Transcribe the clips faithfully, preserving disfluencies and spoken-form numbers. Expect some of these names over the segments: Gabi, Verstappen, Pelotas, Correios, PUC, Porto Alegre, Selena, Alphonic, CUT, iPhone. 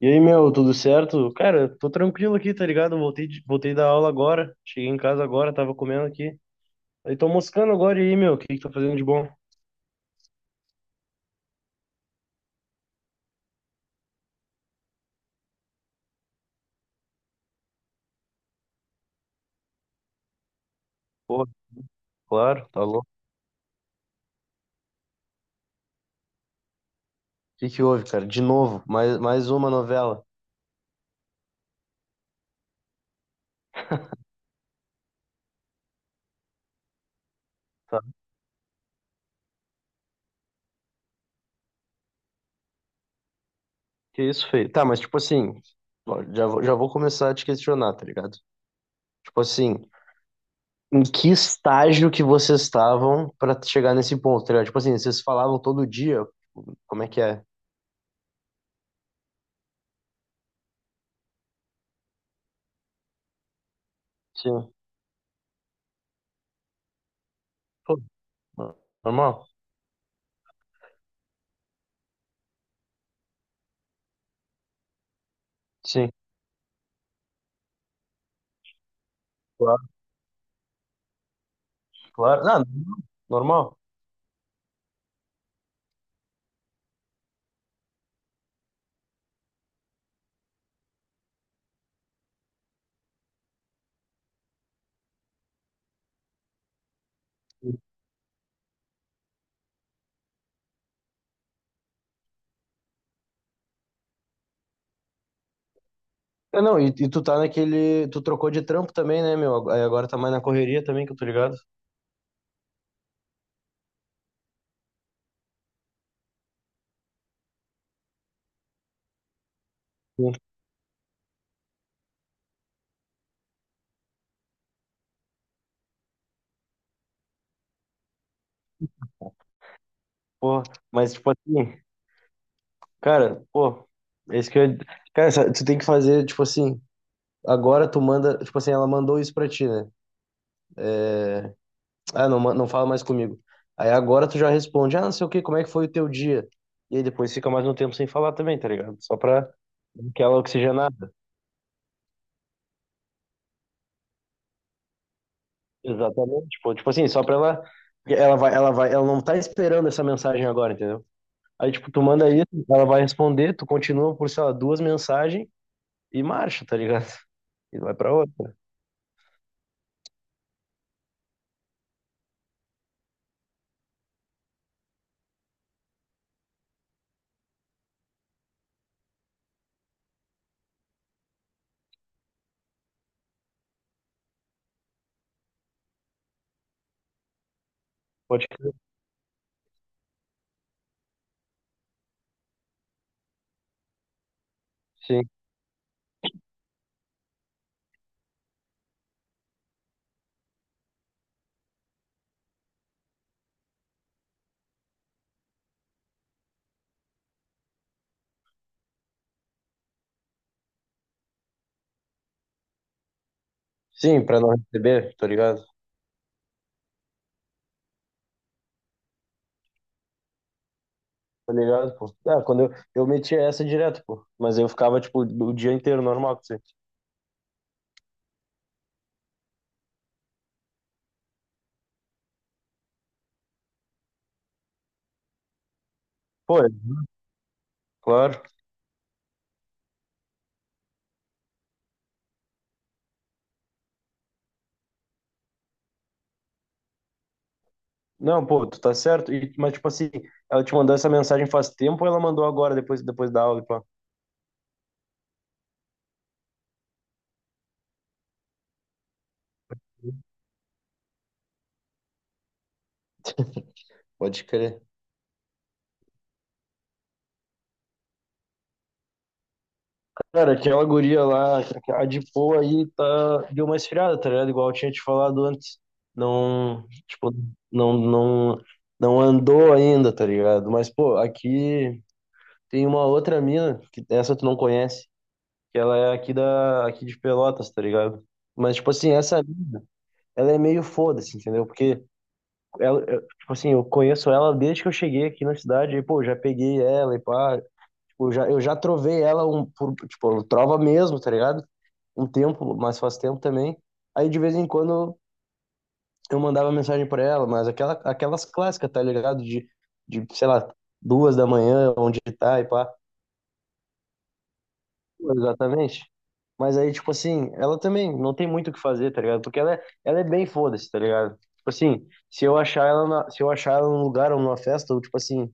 E aí, meu, tudo certo? Cara, tô tranquilo aqui, tá ligado? Voltei, de- voltei da aula agora. Cheguei em casa agora, tava comendo aqui. Aí tô moscando agora e aí, meu, o que que tá fazendo de bom? Porra, claro, tá louco. O que que houve, cara? De novo, mais, mais uma novela. Tá, que isso, feio? Tá, mas tipo assim, ó, já, vou- já vou começar a te questionar, tá ligado? Tipo assim, em que estágio que vocês estavam pra chegar nesse ponto, tá ligado? Tipo assim, vocês falavam todo dia, como é que é? Sim. Pô, normal? Sim. Claro. Não, normal. Ah, não, e, e tu tá naquele. Tu trocou de trampo também, né, meu? Aí agora tá mais na correria também, que eu tô ligado. Sim. Pô, mas tipo assim, cara, pô, esse que eu. Cara, sa- tu tem que fazer, tipo assim, agora tu manda. Tipo assim, ela mandou isso pra ti, né? Ah, não, ma- não fala mais comigo. Aí agora tu já responde, ah, não sei o quê, como é que foi o teu dia? E aí depois fica mais um tempo sem falar também, tá ligado? Só pra dar aquela oxigenada. Exatamente, pô, tipo assim, só pra ela, ela vai, ela vai, ela não tá esperando essa mensagem agora, entendeu? Aí, tipo, tu manda isso, ela vai responder, tu continua por, sei lá, duas mensagens e marcha, tá ligado? E vai pra outra. Pode crer. Sim. Sim, pra não receber, tá ligado? Tá ligado, pô. Ah, quando eu, eu metia essa direto, pô. Mas eu ficava, tipo, o dia inteiro normal com você. Pô, é, claro. Não, pô, tu tá certo. E, mas, tipo assim, ela te mandou essa mensagem faz tempo ou ela mandou agora, depois, depois da aula, pô? Pode crer. Cara, aquela guria lá, a de pô aí tá, deu uma esfriada, tá ligado? Igual eu tinha te falado antes. Não, tipo, não, não, não andou ainda, tá ligado? Mas, pô, aqui tem uma outra mina, que essa tu não conhece, que ela é aqui da, aqui de Pelotas, tá ligado? Mas, tipo assim, essa mina, ela é meio foda-se, entendeu? Porque ela, eu- tipo assim, eu conheço ela desde que eu cheguei aqui na cidade, e, pô, já peguei ela e pá, tipo, já, eu já trovei ela um, por, tipo, trova mesmo, tá ligado? Um tempo, mas faz tempo também. Aí de vez em quando eu mandava mensagem pra ela, mas aquela, aquelas clássicas, tá ligado? De, de, sei lá, duas da manhã, onde tá e pá. Exatamente. Mas aí, tipo assim, ela também não tem muito o que fazer, tá ligado? Porque ela é, ela é bem foda-se, tá ligado? Tipo assim, se eu achar ela na- se eu achar ela num lugar ou numa festa, ou tipo assim,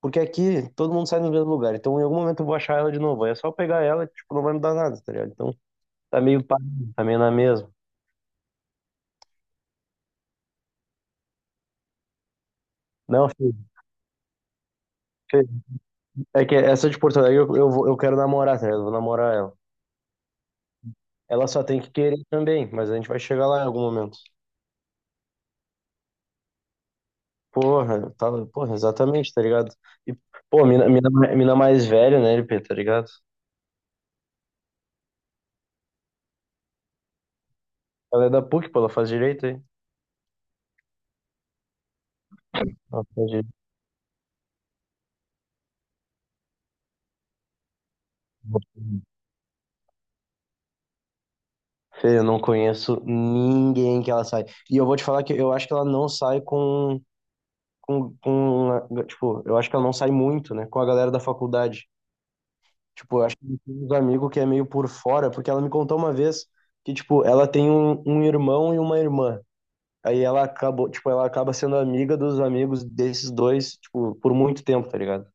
porque aqui todo mundo sai no mesmo lugar, então em algum momento eu vou achar ela de novo. Aí é só pegar ela, tipo, não vai mudar nada, tá ligado? Então tá meio pá, tá meio na mesma. Não, filho. É que essa de Porto Alegre eu, eu, vou- eu quero namorar, tá ligado? Eu vou namorar ela. Ela só tem que querer também, mas a gente vai chegar lá em algum momento. Porra, tá, porra, exatamente, tá ligado? E, pô, mina, mina, mina mais velha, né, L P, tá ligado? Ela é da PUC, pô, ela faz direito aí. Ela faz direito. Fê, eu não conheço ninguém que ela sai. E eu vou te falar que eu acho que ela não sai com, com, com, tipo, eu acho que ela não sai muito, né, com a galera da faculdade. Tipo, eu acho que tem uns amigos que é meio por fora, porque ela me contou uma vez que, tipo, ela tem um, um irmão e uma irmã. Aí ela acabou, tipo, ela acaba sendo amiga dos amigos desses dois, tipo, por muito tempo, tá ligado?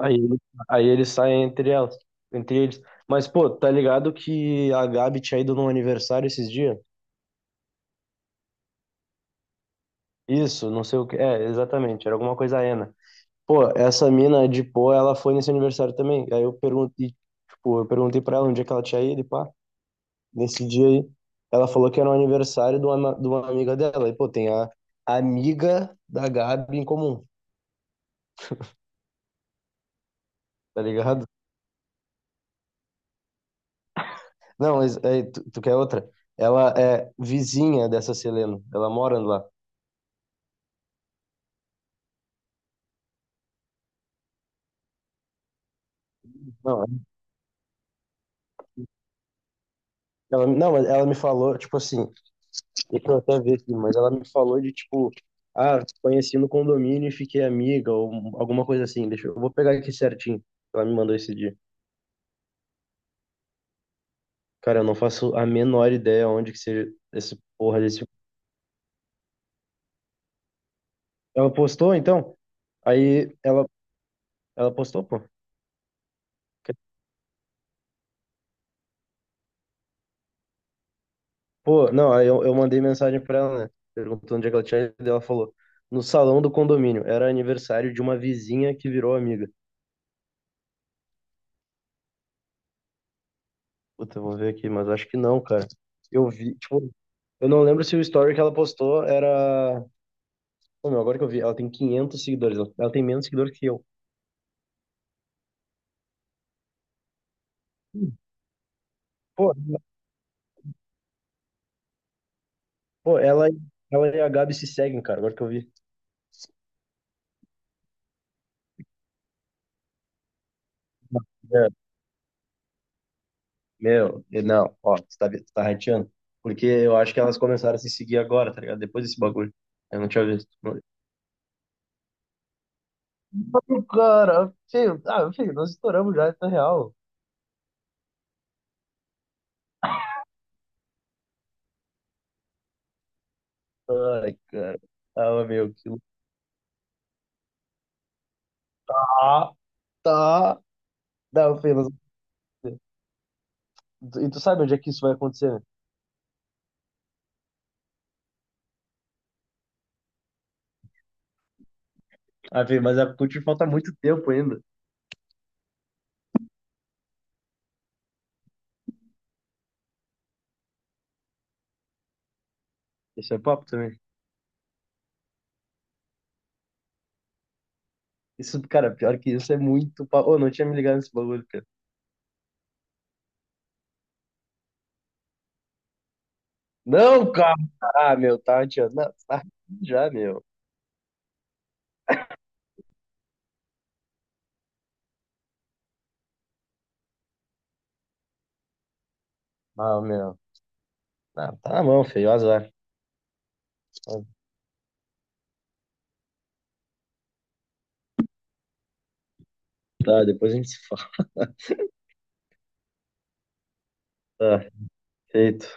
Aí, ele- aí eles saem entre elas, entre eles. Mas, pô, tá ligado que a Gabi tinha ido num aniversário esses dias? Isso, não sei o que. É, exatamente, era alguma coisa Ana. Pô, essa mina de pô, ela foi nesse aniversário também. Aí eu perguntei, tipo, eu perguntei pra ela onde é que ela tinha ido e pá. Nesse dia aí. Ela falou que era o aniversário de uma, de uma amiga dela. E, pô, tem a amiga da Gabi em comum, tá ligado? Não, mas é, tu, tu quer outra? Ela é vizinha dessa Selena. Ela mora lá. Não, ela, não, mas ela me falou, tipo assim, deixa eu até ver aqui, mas ela me falou de, tipo, ah, conheci no condomínio e fiquei amiga, ou alguma coisa assim. Deixa eu, eu vou pegar aqui certinho. Ela me mandou esse dia. Cara, eu não faço a menor ideia onde que seja esse porra desse. Ela postou, então? Aí ela, ela postou, pô. Que- Pô, não, aí eu, eu mandei mensagem pra ela, né? Perguntando onde é que ela tinha ido. E ela falou, no salão do condomínio. Era aniversário de uma vizinha que virou amiga. Puta, eu vou ver aqui, mas acho que não, cara. Eu vi, tipo, eu não lembro se o story que ela postou era. Pô, meu, agora que eu vi, ela tem quinhentos seguidores. Ela ela tem menos seguidor que eu. Pô, pô, ela, ela e a Gabi se seguem, cara, agora que eu vi. É, meu, eu- não, ó, você tá, vi- você tá rateando. Porque eu acho que elas começaram a se seguir agora, tá ligado? Depois desse bagulho. Eu não tinha visto. Mano, cara, filho, ah, filho, nós estouramos já, isso é real. Ai, cara. Ah, meu, que... Ah, tá. Não, filho, nós- e tu sabe onde é que isso vai acontecer? Ah, filho, mas a CUT falta muito tempo ainda. Isso é papo também. Isso, cara, pior que isso é muito papo. Ô, não tinha me ligado nesse bagulho, cara. Não, cara! Ah, meu, tá rateando. Não, tá rateando já, meu. Ah, meu. Ah, tá na mão, feio, azar. Tá, depois a gente se fala. Tá, feito.